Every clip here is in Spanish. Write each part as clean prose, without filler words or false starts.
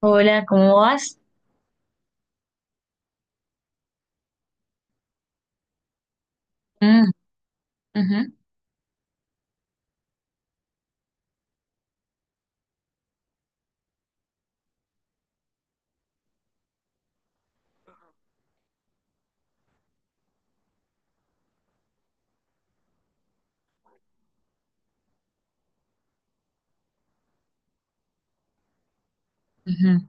Hola, ¿cómo vas? Mm, ujú, ujú,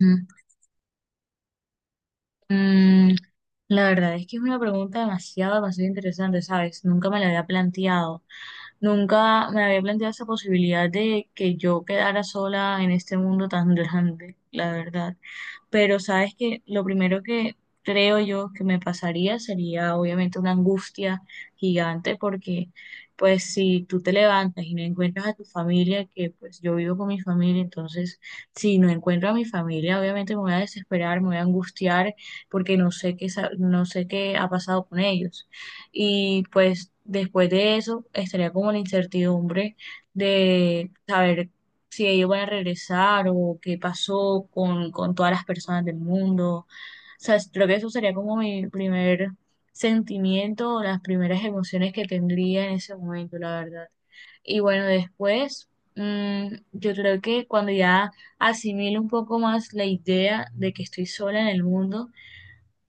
ujú. Mm, la verdad es que es una pregunta demasiado interesante, ¿sabes? Nunca me la había planteado. Nunca me había planteado esa posibilidad de que yo quedara sola en este mundo tan grande, la verdad. Pero sabes que lo primero que creo yo que me pasaría sería obviamente una angustia gigante porque pues si tú te levantas y no encuentras a tu familia, que pues yo vivo con mi familia, entonces si no encuentro a mi familia, obviamente me voy a desesperar, me voy a angustiar porque no sé qué ha pasado con ellos. Y pues después de eso estaría como la incertidumbre de saber si ellos van a regresar o qué pasó con todas las personas del mundo. Creo que eso sería como mi primer sentimiento o las primeras emociones que tendría en ese momento, la verdad. Y bueno, después, mm, yo creo que cuando ya asimilo un poco más la idea de que estoy sola en el mundo,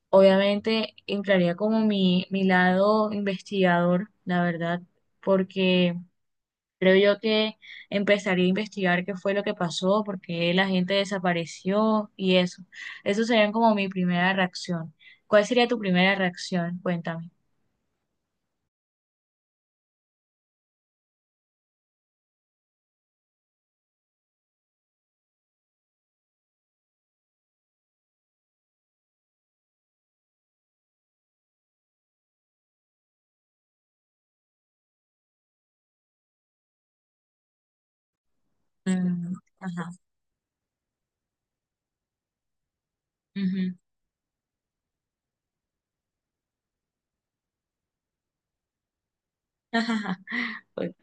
obviamente entraría como mi lado investigador, la verdad, porque... Creo yo que empezaría a investigar qué fue lo que pasó, por qué la gente desapareció y eso. Eso sería como mi primera reacción. ¿Cuál sería tu primera reacción? Cuéntame. Mm, ajá. Ujú.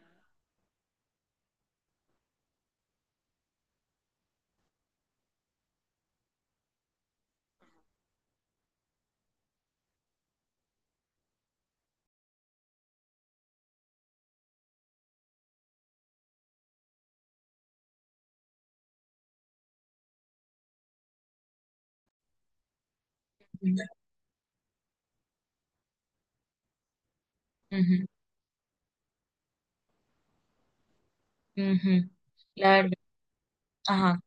Ujú, ujú, ujú. La verdad, ajá.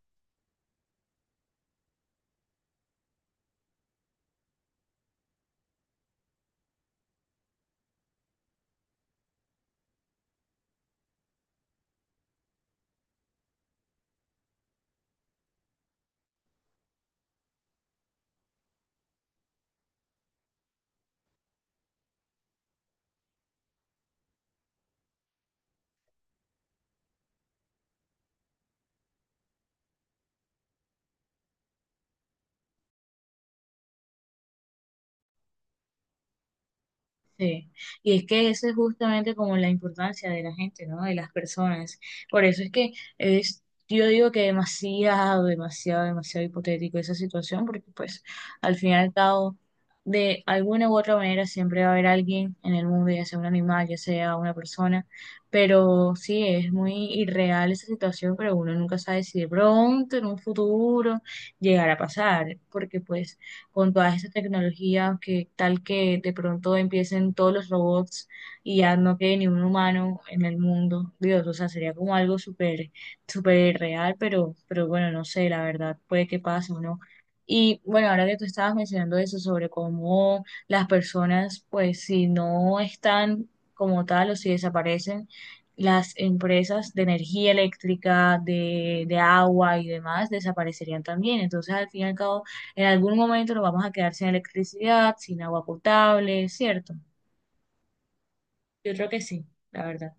Sí, y es que eso es justamente como la importancia de la gente, ¿no? De las personas. Por eso es que es, yo digo que demasiado, demasiado, demasiado hipotético esa situación, porque pues al final y al cabo, de alguna u otra manera siempre va a haber alguien en el mundo, ya sea un animal, ya sea una persona, pero sí, es muy irreal esa situación, pero uno nunca sabe si de pronto, en un futuro, llegará a pasar, porque pues con todas estas tecnologías, que tal que de pronto empiecen todos los robots y ya no quede ni un humano en el mundo. Dios, o sea, sería como algo súper, súper real, pero bueno, no sé, la verdad, puede que pase o no. Y bueno, ahora que tú estabas mencionando eso sobre cómo las personas, pues si no están como tal o si desaparecen, las empresas de energía eléctrica, de agua y demás desaparecerían también. Entonces, al fin y al cabo, en algún momento nos vamos a quedar sin electricidad, sin agua potable, ¿cierto? Yo creo que sí, la verdad.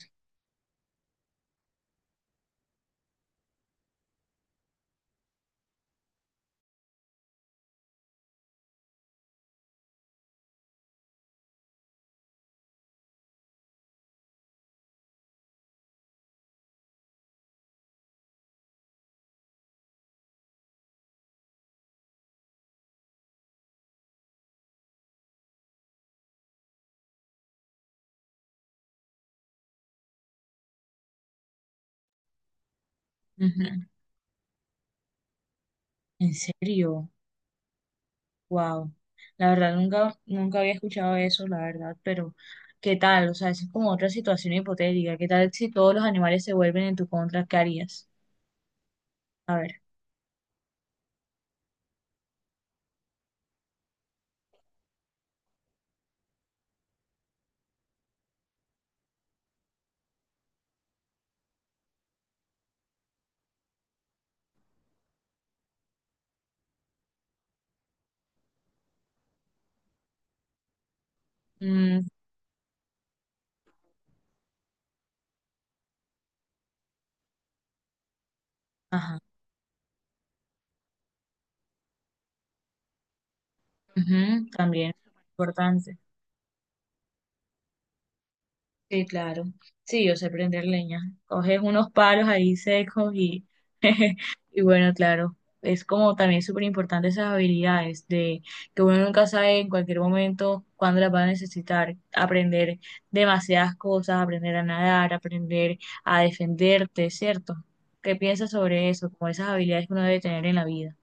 Ujú. ¿En serio? Wow. La verdad, nunca, nunca había escuchado eso, la verdad, pero ¿qué tal? O sea, eso es como otra situación hipotética. ¿Qué tal si todos los animales se vuelven en tu contra? ¿Qué harías? A ver. Mm, ajá. Ujú, también. Importante. Sí, claro. Sí, yo sé prender leña. Coges unos palos ahí secos y, y bueno, claro, es como también súper importante esas habilidades de que uno nunca sabe en cualquier momento cuándo las va a necesitar. Aprender demasiadas cosas, aprender a nadar, aprender a defenderte, ¿cierto? ¿Qué piensas sobre eso? Como esas habilidades que uno debe tener en la vida.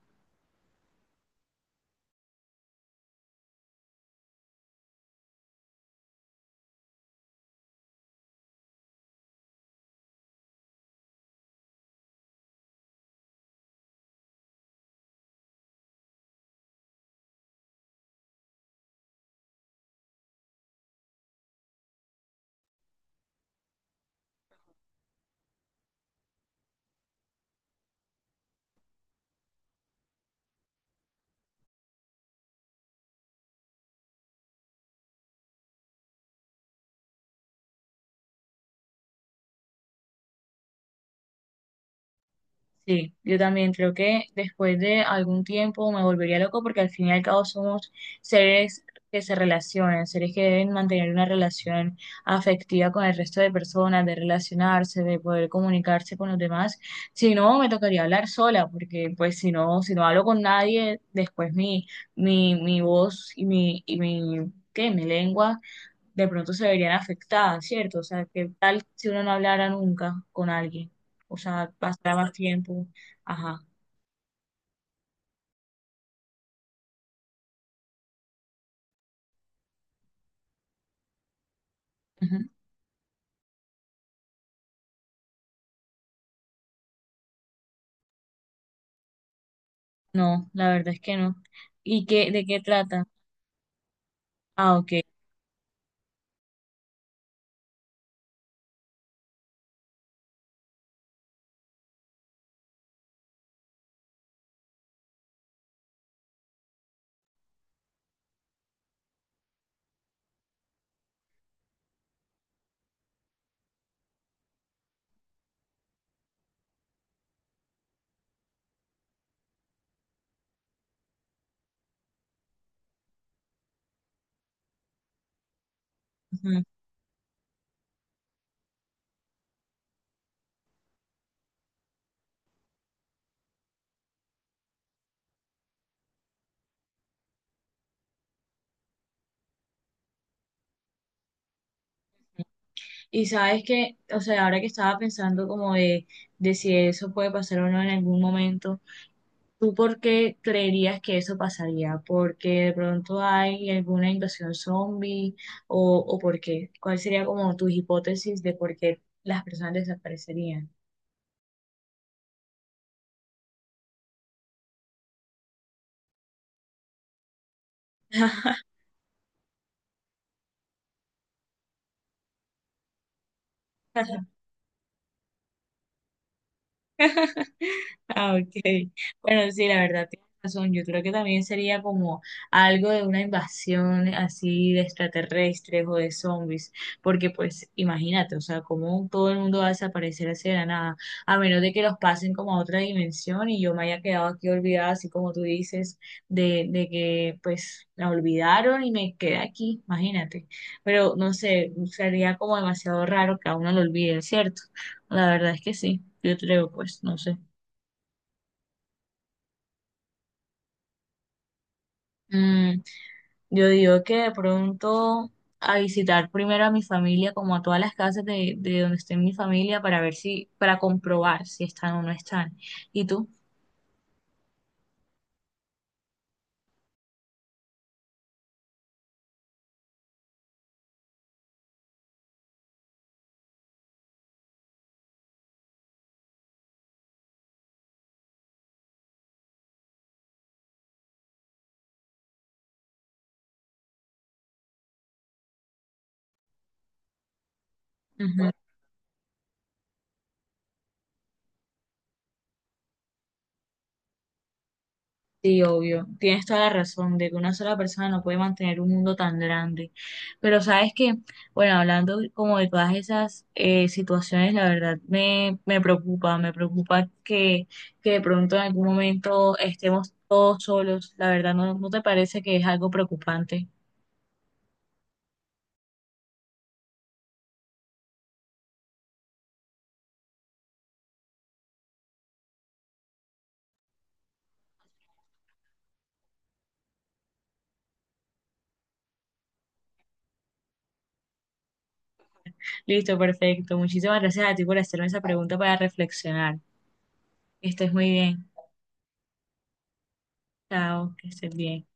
Sí, yo también creo que después de algún tiempo me volvería loco porque al fin y al cabo somos seres que se relacionan, seres que deben mantener una relación afectiva con el resto de personas, de relacionarse, de poder comunicarse con los demás. Si no, me tocaría hablar sola porque pues si no, si no hablo con nadie, después mi voz y mi, ¿qué? Mi lengua de pronto se verían afectadas, ¿cierto? O sea, ¿qué tal si uno no hablara nunca con alguien? O sea, pasara más tiempo. Ajá. Ujú. No, la verdad es que no. ¿Y qué, de qué trata? Ah, ok. Ujú. Y sabes que, o sea, ahora que estaba pensando como de si eso puede pasar o no en algún momento, ¿tú por qué creerías que eso pasaría? ¿Porque de pronto hay alguna invasión zombie o por qué? ¿Cuál sería como tus hipótesis de por qué las personas desaparecerían? Ajá. Ah, ok. Bueno, sí, la verdad tienes razón. Yo creo que también sería como algo de una invasión así de extraterrestres o de zombies, porque pues imagínate, o sea, cómo todo el mundo va a desaparecer así de la nada, a menos de que los pasen como a otra dimensión y yo me haya quedado aquí olvidada, así como tú dices, de que pues la olvidaron y me quedé aquí, imagínate. Pero no sé, sería como demasiado raro que a uno lo olviden, ¿cierto? La verdad es que sí, yo creo, pues, no sé. Mm, yo digo que de pronto a visitar primero a mi familia, como a todas las casas de donde esté mi familia, para ver si, para comprobar si están o no están. ¿Y tú? Ujú. Sí, obvio. Tienes toda la razón de que una sola persona no puede mantener un mundo tan grande. Pero sabes que, bueno, hablando como de todas esas situaciones, la verdad me preocupa que de pronto en algún momento estemos todos solos. La verdad, ¿no, no te parece que es algo preocupante? Listo, perfecto. Muchísimas gracias a ti por hacerme esa pregunta para reflexionar. Que estés muy bien. Chao, que estés bien.